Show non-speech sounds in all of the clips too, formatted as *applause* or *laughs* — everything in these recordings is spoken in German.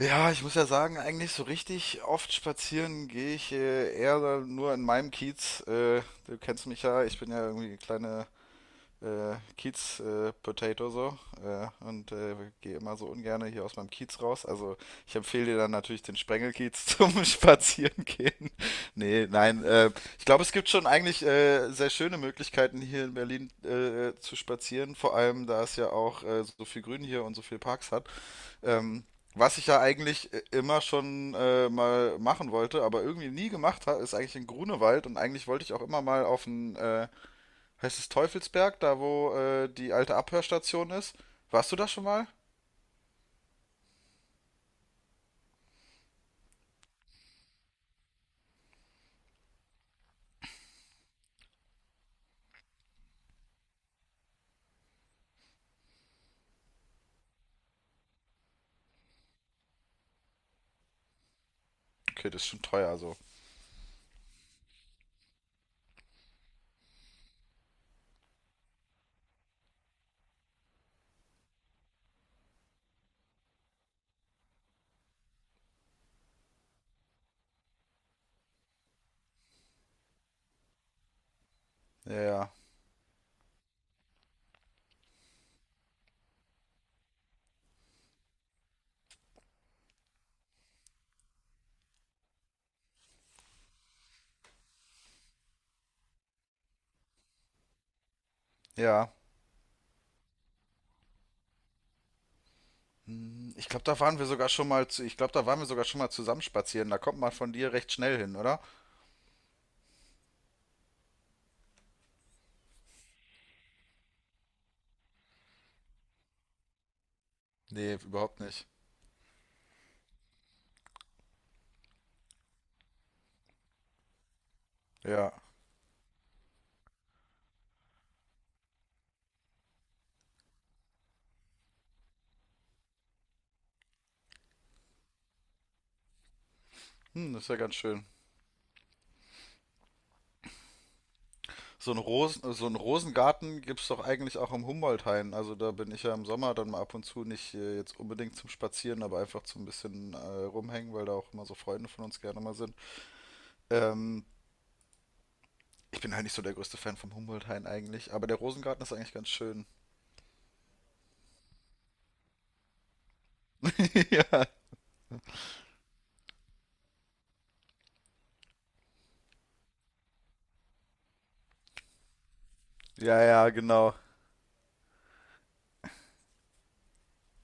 Ja, ich muss ja sagen, eigentlich so richtig oft spazieren gehe ich eher nur in meinem Kiez. Du kennst mich ja, ich bin ja irgendwie eine kleine Kiez-Potato so, äh, und äh, gehe immer so ungerne hier aus meinem Kiez raus. Also ich empfehle dir dann natürlich den Sprengelkiez *laughs* zum Spazieren gehen. Nee, nein, ich glaube, es gibt schon eigentlich sehr schöne Möglichkeiten hier in Berlin zu spazieren. Vor allem, da es ja auch so viel Grün hier und so viel Parks hat. Ähm, Was ich ja eigentlich immer schon mal machen wollte, aber irgendwie nie gemacht habe, ist eigentlich in Grunewald, und eigentlich wollte ich auch immer mal auf den, heißt es Teufelsberg, da wo die alte Abhörstation ist. Warst du da schon mal? Okay, das ist schon teuer so. Ja, ja. Ja, ich glaube, da waren wir sogar schon mal zu, ich glaube, da waren wir sogar schon mal zusammen spazieren. Da kommt man von dir recht schnell hin, oder? Nee, überhaupt nicht. Ja. Hm, das ist ja ganz schön. So einen Rosen, so einen Rosengarten gibt es doch eigentlich auch im Humboldt-Hain. Also da bin ich ja im Sommer dann mal ab und zu, nicht jetzt unbedingt zum Spazieren, aber einfach zum bisschen rumhängen, weil da auch immer so Freunde von uns gerne mal sind. Ähm, Ich bin halt nicht so der größte Fan vom Humboldt-Hain eigentlich, aber der Rosengarten ist eigentlich ganz schön. *laughs* Ja, ja, ja, genau.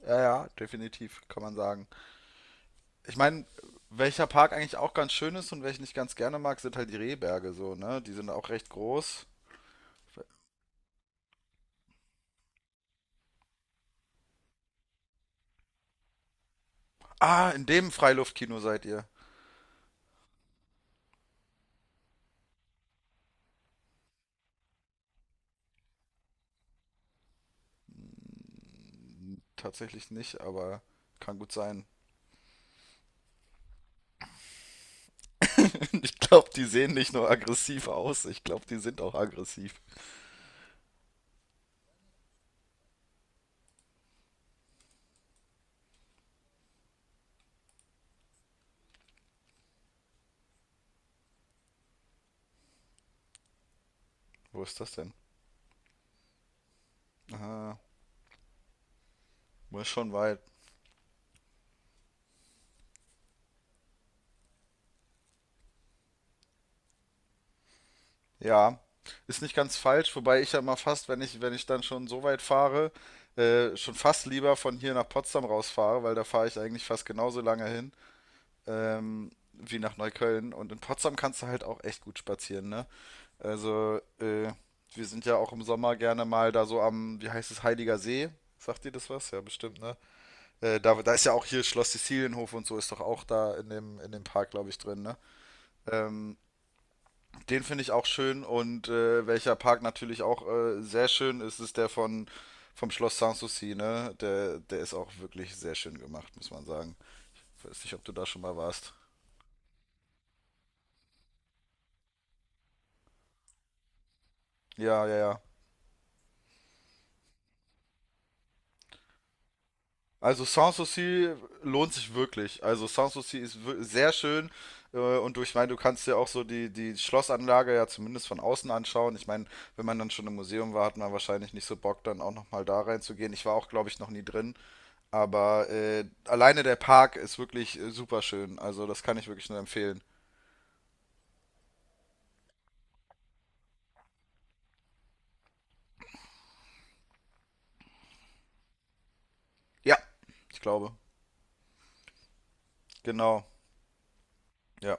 Ja, ja, definitiv, kann man sagen. Ich meine, welcher Park eigentlich auch ganz schön ist und welchen ich ganz gerne mag, sind halt die Rehberge so, ne? Die sind auch recht groß. Ah, in dem Freiluftkino seid ihr. Tatsächlich nicht, aber kann gut sein. *laughs* Ich glaube, die sehen nicht nur aggressiv aus, ich glaube, die sind auch aggressiv. Wo ist das denn? Aha, ist schon weit. Ja, ist nicht ganz falsch, wobei ich ja mal fast, wenn ich, wenn ich dann schon so weit fahre, schon fast lieber von hier nach Potsdam rausfahre, weil da fahre ich eigentlich fast genauso lange hin. Wie nach Neukölln. Und in Potsdam kannst du halt auch echt gut spazieren, ne? Also, wir sind ja auch im Sommer gerne mal da so am, wie heißt es, Heiliger See. Sagt dir das was? Ja, bestimmt, ne? Da ist ja auch hier Schloss Sizilienhof, und so ist doch auch da in dem Park, glaube ich, drin, ne? Ähm, Den finde ich auch schön, und welcher Park natürlich auch sehr schön ist, ist der von vom Schloss Sanssouci, ne? Der ist auch wirklich sehr schön gemacht, muss man sagen. Weiß nicht, ob du da schon mal warst. Ja, ja, ja. Also Sanssouci lohnt sich wirklich. Also Sanssouci ist sehr schön und durch. Ich meine, du kannst dir auch so die Schlossanlage ja zumindest von außen anschauen. Ich meine, wenn man dann schon im Museum war, hat man wahrscheinlich nicht so Bock, dann auch nochmal da reinzugehen. Ich war auch, glaube ich, noch nie drin, aber alleine der Park ist wirklich super schön. Also das kann ich wirklich nur empfehlen. Ja, ich glaube. Genau. Ja,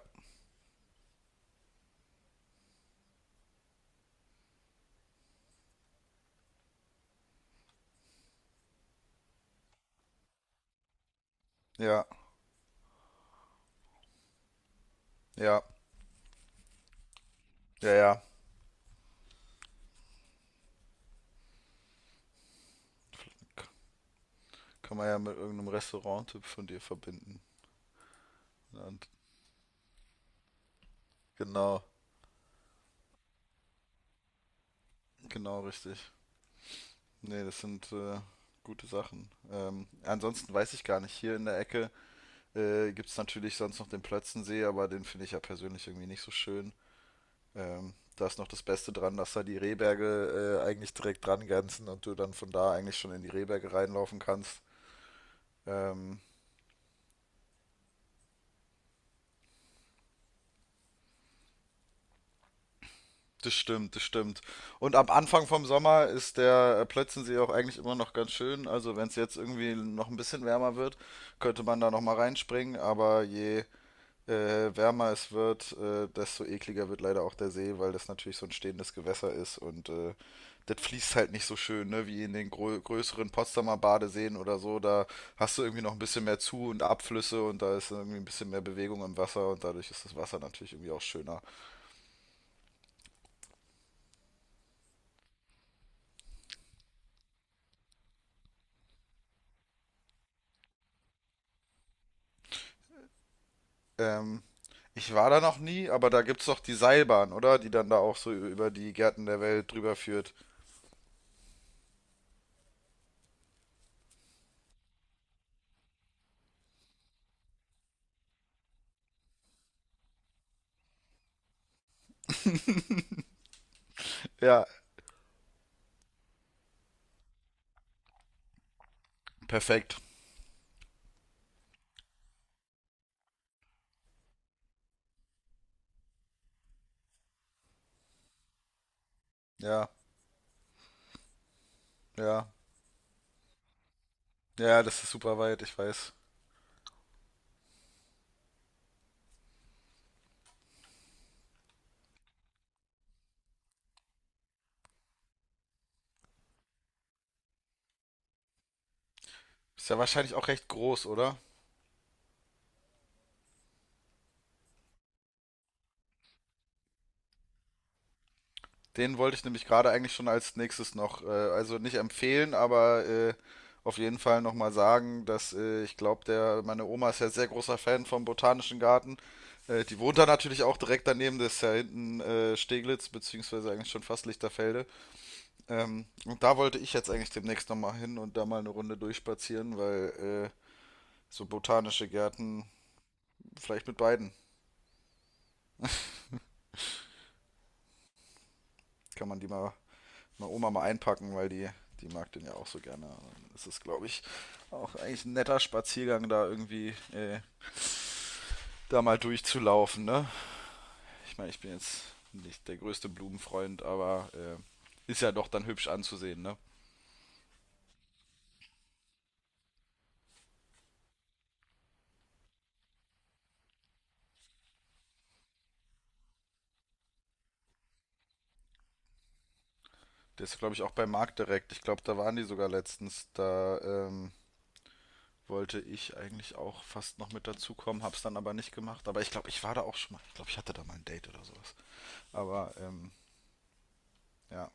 ja, ja, ja, ja. Kann man ja mit irgendeinem Restauranttipp von dir verbinden. Und genau, genau richtig. Nee, das sind gute Sachen. Ansonsten weiß ich gar nicht. Hier in der Ecke gibt es natürlich sonst noch den Plötzensee, aber den finde ich ja persönlich irgendwie nicht so schön. Da ist noch das Beste dran, dass da die Rehberge eigentlich direkt dran grenzen und du dann von da eigentlich schon in die Rehberge reinlaufen kannst. Ähm, das stimmt, das stimmt. Und am Anfang vom Sommer ist der Plötzensee auch eigentlich immer noch ganz schön. Also wenn es jetzt irgendwie noch ein bisschen wärmer wird, könnte man da noch mal reinspringen. Aber je wärmer es wird, desto ekliger wird leider auch der See, weil das natürlich so ein stehendes Gewässer ist, und das fließt halt nicht so schön, ne, wie in den größeren Potsdamer Badeseen oder so. Da hast du irgendwie noch ein bisschen mehr Zu- und Abflüsse, und da ist irgendwie ein bisschen mehr Bewegung im Wasser, und dadurch ist das Wasser natürlich irgendwie auch schöner. Ähm, Ich war da noch nie, aber da gibt's doch die Seilbahn, oder? Die dann da auch so über die Gärten der Welt drüber führt. Ja, perfekt. Ja, ja. Ja, das ist super weit, ich weiß. Ist ja wahrscheinlich auch recht groß, oder? Den wollte ich nämlich gerade eigentlich schon als nächstes noch, also nicht empfehlen, aber auf jeden Fall nochmal sagen, dass ich glaube, meine Oma ist ja sehr großer Fan vom Botanischen Garten. Die wohnt da natürlich auch direkt daneben, das ist ja hinten Steglitz, beziehungsweise eigentlich schon fast Lichterfelde. Und da wollte ich jetzt eigentlich demnächst nochmal hin und da mal eine Runde durchspazieren, weil so botanische Gärten, vielleicht mit beiden, kann man die mal Oma mal einpacken, weil die mag den ja auch so gerne. Es ist, glaube ich, auch eigentlich ein netter Spaziergang, da irgendwie da mal durchzulaufen. Ne? Ich meine, ich bin jetzt nicht der größte Blumenfreund, aber ist ja doch dann hübsch anzusehen. Ne? Das ist, glaube ich, auch beim Markt direkt. Ich glaube, da waren die sogar letztens. Da wollte ich eigentlich auch fast noch mit dazukommen, hab's dann aber nicht gemacht. Aber ich glaube, ich war da auch schon mal. Ich glaube, ich hatte da mal ein Date oder sowas. Aber ja,